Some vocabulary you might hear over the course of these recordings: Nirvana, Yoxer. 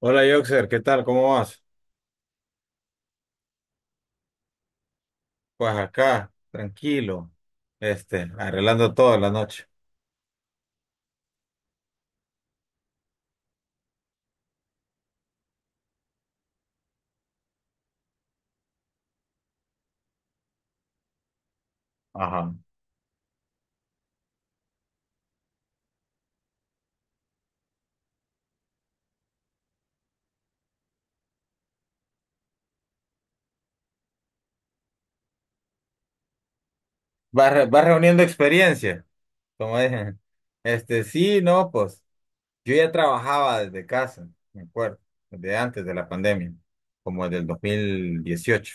Hola, Yoxer, ¿qué tal? ¿Cómo vas? Pues acá, tranquilo, arreglando todo la noche. Ajá. ¿ Vas reuniendo experiencia? Como dije. Sí, no, pues yo ya trabajaba desde casa, me acuerdo, desde antes de la pandemia, como desde el 2018.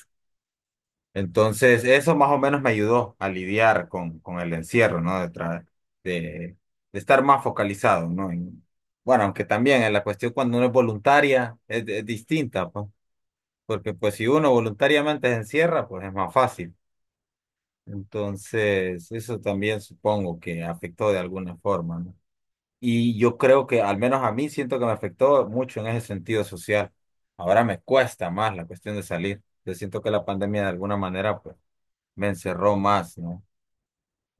Entonces, eso más o menos me ayudó a lidiar con el encierro, ¿no? De, de estar más focalizado, ¿no? Bueno, aunque también en la cuestión cuando uno es voluntaria es distinta, pues. Porque pues si uno voluntariamente se encierra, pues es más fácil. Entonces, eso también supongo que afectó de alguna forma, ¿no? Y yo creo que, al menos a mí, siento que me afectó mucho en ese sentido social. Ahora me cuesta más la cuestión de salir. Yo siento que la pandemia de alguna manera, pues, me encerró más, ¿no?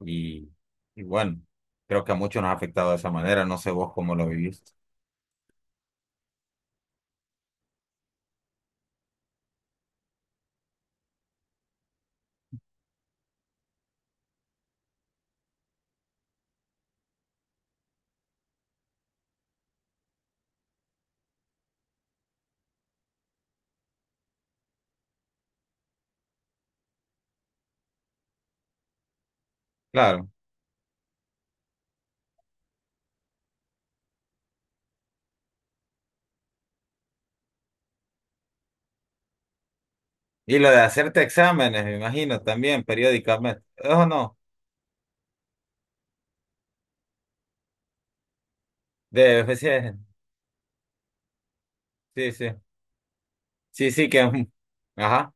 Y, y bueno, creo que a muchos nos ha afectado de esa manera. No sé vos cómo lo viviste. Claro. Y lo de hacerte exámenes, me imagino, también periódicamente. Oh, no. De veces, sí, sí. Sí, sí, ujú. Ajá,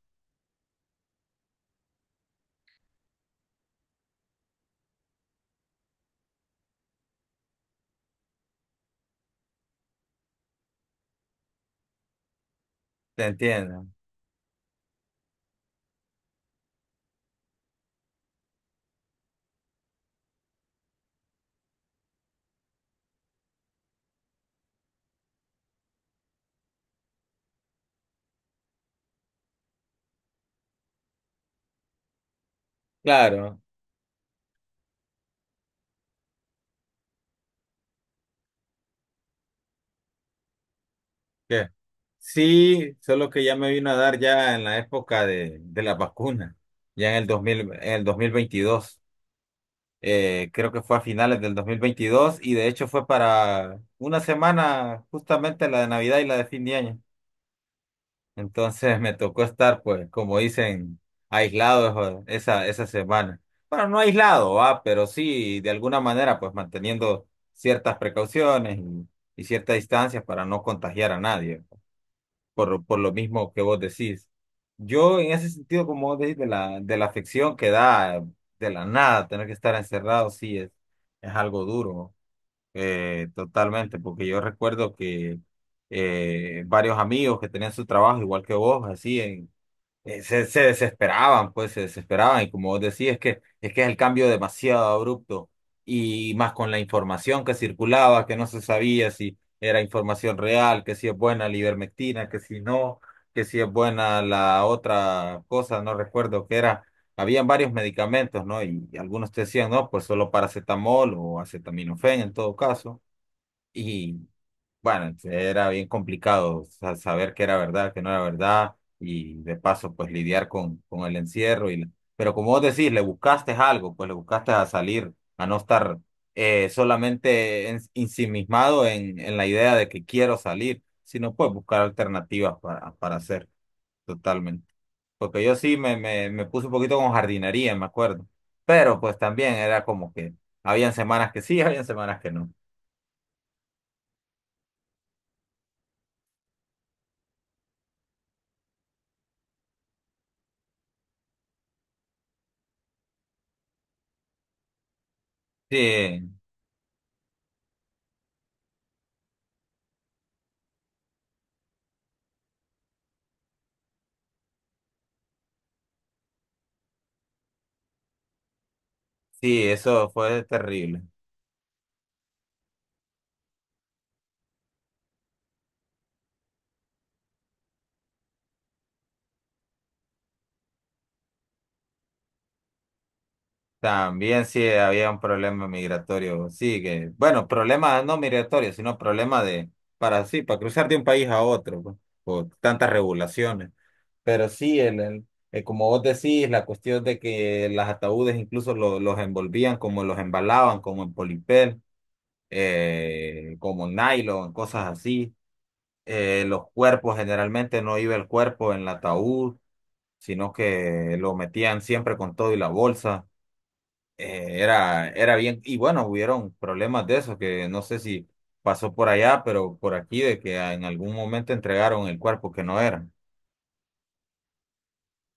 te entiendo. Claro, que sí, solo que ya me vino a dar ya en la época de las vacunas, ya en el en el 2022. Creo que fue a finales del 2022 y de hecho fue para una semana justamente la de Navidad y la de fin de año. Entonces me tocó estar, pues, como dicen, aislado esa semana. Bueno, no aislado, pero sí, de alguna manera, pues manteniendo ciertas precauciones y ciertas distancias para no contagiar a nadie, por lo mismo que vos decís. Yo, en ese sentido, como vos decís, de de la afección que da de la nada, tener que estar encerrado, sí, es algo duro. Totalmente, porque yo recuerdo que varios amigos que tenían su trabajo, igual que vos, así se desesperaban, pues se desesperaban. Y como vos decís, es que es el cambio demasiado abrupto. Y más con la información que circulaba, que no se sabía si era información real, que si es buena la ivermectina, que si no, que si es buena la otra cosa, no recuerdo que era. Habían varios medicamentos, ¿no? Y algunos te decían, no, pues solo paracetamol o acetaminofén en todo caso. Bueno, era bien complicado saber qué era verdad, qué no era verdad, y de paso, pues lidiar con el encierro. Pero como vos decís, le buscaste algo, pues le buscaste a salir, a no estar solamente ensimismado en la idea de que quiero salir, sino pues buscar alternativas para hacer totalmente. Porque yo sí me puse un poquito con jardinería, me acuerdo. Pero pues también era como que habían semanas que sí, habían semanas que no. Sí. Sí, eso fue terrible. También sí había un problema migratorio, sí que, bueno, problema no migratorio, sino problema de, para sí, para cruzar de un país a otro, pues, por tantas regulaciones. Pero sí, como vos decís, la cuestión de que las ataúdes incluso los envolvían, como los embalaban, como en polipel, como nylon, cosas así. Los cuerpos, generalmente no iba el cuerpo en el ataúd, sino que lo metían siempre con todo y la bolsa. Era bien, y bueno, hubieron problemas de eso, que no sé si pasó por allá, pero por aquí, de que en algún momento entregaron el cuerpo que no era.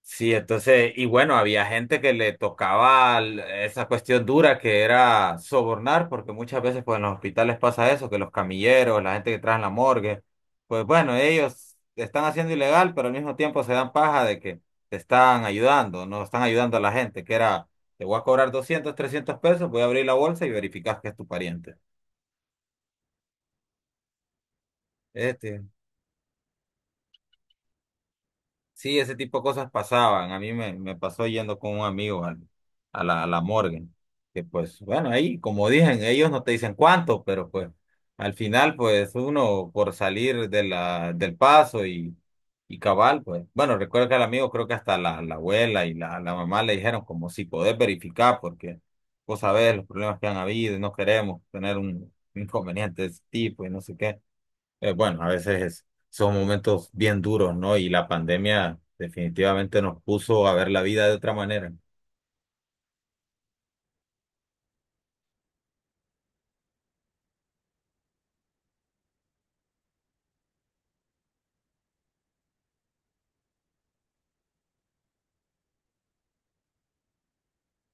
Sí, entonces, y bueno, había gente que le tocaba esa cuestión dura que era sobornar, porque muchas veces pues en los hospitales pasa eso, que los camilleros, la gente que trae en la morgue, pues bueno, ellos están haciendo ilegal, pero al mismo tiempo se dan paja de que te están ayudando, no están ayudando a la gente, que era, te voy a cobrar 200 300 pesos, voy a abrir la bolsa y verificas que es tu pariente. Este, Sí, ese tipo de cosas pasaban. A mí me pasó yendo con un amigo a a la morgue. Que pues, bueno, ahí, como dicen, ellos no te dicen cuánto, pero pues al final, pues uno por salir de del paso y cabal, pues, bueno, recuerdo que al amigo creo que hasta la abuela y la mamá le dijeron como si podés verificar, porque vos sabés los problemas que han habido y no queremos tener un inconveniente de ese tipo y no sé qué. Bueno, a veces son momentos bien duros, ¿no? Y la pandemia definitivamente nos puso a ver la vida de otra manera.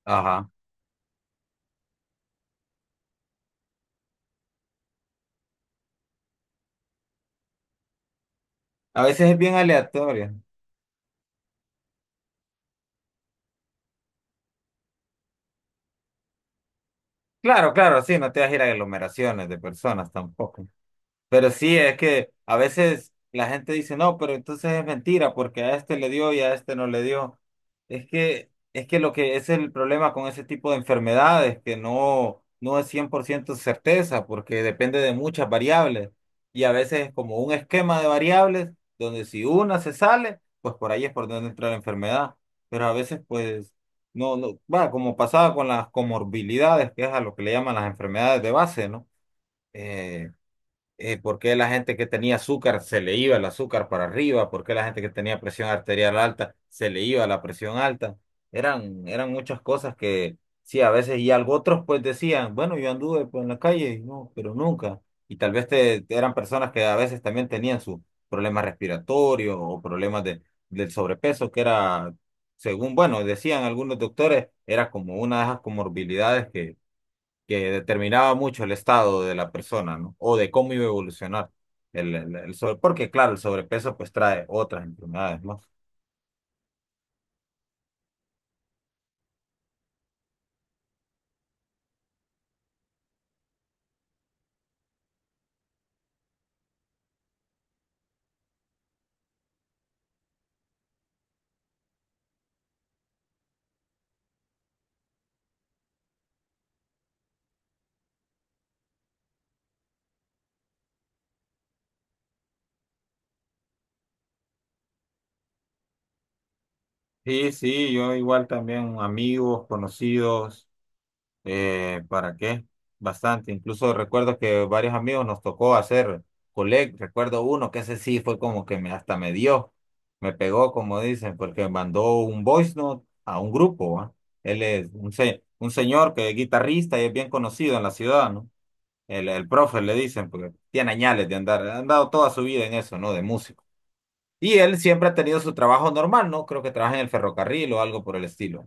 Ajá. A veces es bien aleatoria. Claro, claro, sí, no te vas a ir a aglomeraciones de personas tampoco. Pero sí, es que a veces la gente dice, no, pero entonces es mentira porque a este le dio y a este no le dio. Es que lo que es el problema con ese tipo de enfermedades, que no, no es 100% certeza porque depende de muchas variables. Y a veces es como un esquema de variables donde si una se sale, pues por ahí es por donde entra la enfermedad. Pero a veces pues no, no, va, como pasaba con las comorbilidades, que es a lo que le llaman las enfermedades de base, ¿no? Eh, por qué la gente que tenía azúcar se le iba el azúcar para arriba, por qué la gente que tenía presión arterial alta se le iba la presión alta. Eran muchas cosas que sí, a veces y algo otros pues decían, bueno, yo anduve pues, en la calle, no, pero nunca. Y tal vez te, eran personas que a veces también tenían sus problemas respiratorios o problemas de, del sobrepeso, que era, según, bueno, decían algunos doctores, era como una de esas comorbilidades que determinaba mucho el estado de la persona, ¿no? O de cómo iba a evolucionar el porque claro, el sobrepeso pues trae otras enfermedades, ¿no? Sí, sí, yo igual también amigos, conocidos, ¿para qué? Bastante, incluso recuerdo que varios amigos nos tocó hacer collect, recuerdo uno que ese sí fue como que hasta me dio, me pegó como dicen, porque me mandó un voice note a un grupo, ¿va? Él es un señor que es guitarrista y es bien conocido en la ciudad, ¿no? El profe le dicen, porque tiene añales de andar, han dado toda su vida en eso, ¿no? De músico. Y él siempre ha tenido su trabajo normal, ¿no? Creo que trabaja en el ferrocarril o algo por el estilo.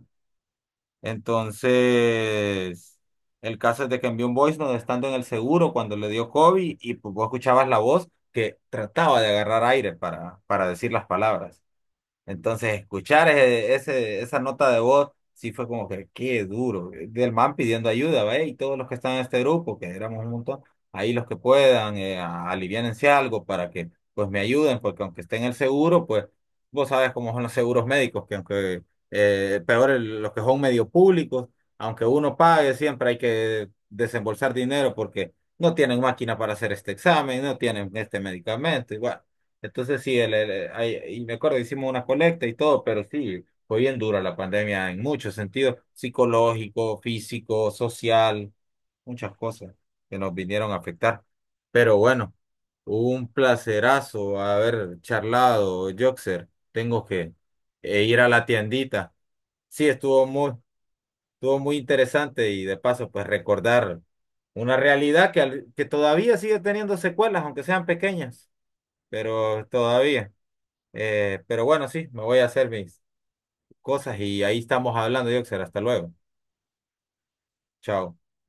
Entonces, el caso es de que envió un voice note estando en el seguro cuando le dio COVID y pues vos escuchabas la voz que trataba de agarrar aire para decir las palabras. Entonces, escuchar esa nota de voz, sí fue como que qué duro. Del man pidiendo ayuda, ¿ve? Y todos los que están en este grupo, que éramos un montón, ahí los que puedan, aliviánense algo para que pues me ayuden, porque aunque esté en el seguro, pues vos sabes cómo son los seguros médicos, que aunque peor los que son medio públicos, aunque uno pague, siempre hay que desembolsar dinero porque no tienen máquina para hacer este examen, no tienen este medicamento, igual. Entonces sí, y me acuerdo, hicimos una colecta y todo, pero sí, fue bien dura la pandemia en muchos sentidos, psicológico, físico, social, muchas cosas que nos vinieron a afectar. Pero bueno, un placerazo haber charlado, Joxer. Tengo que ir a la tiendita. Sí, estuvo muy interesante y de paso, pues recordar una realidad que, que todavía sigue teniendo secuelas, aunque sean pequeñas, pero todavía. Pero bueno, sí, me voy a hacer mis cosas y ahí estamos hablando, Yoxer. Hasta luego. Chao.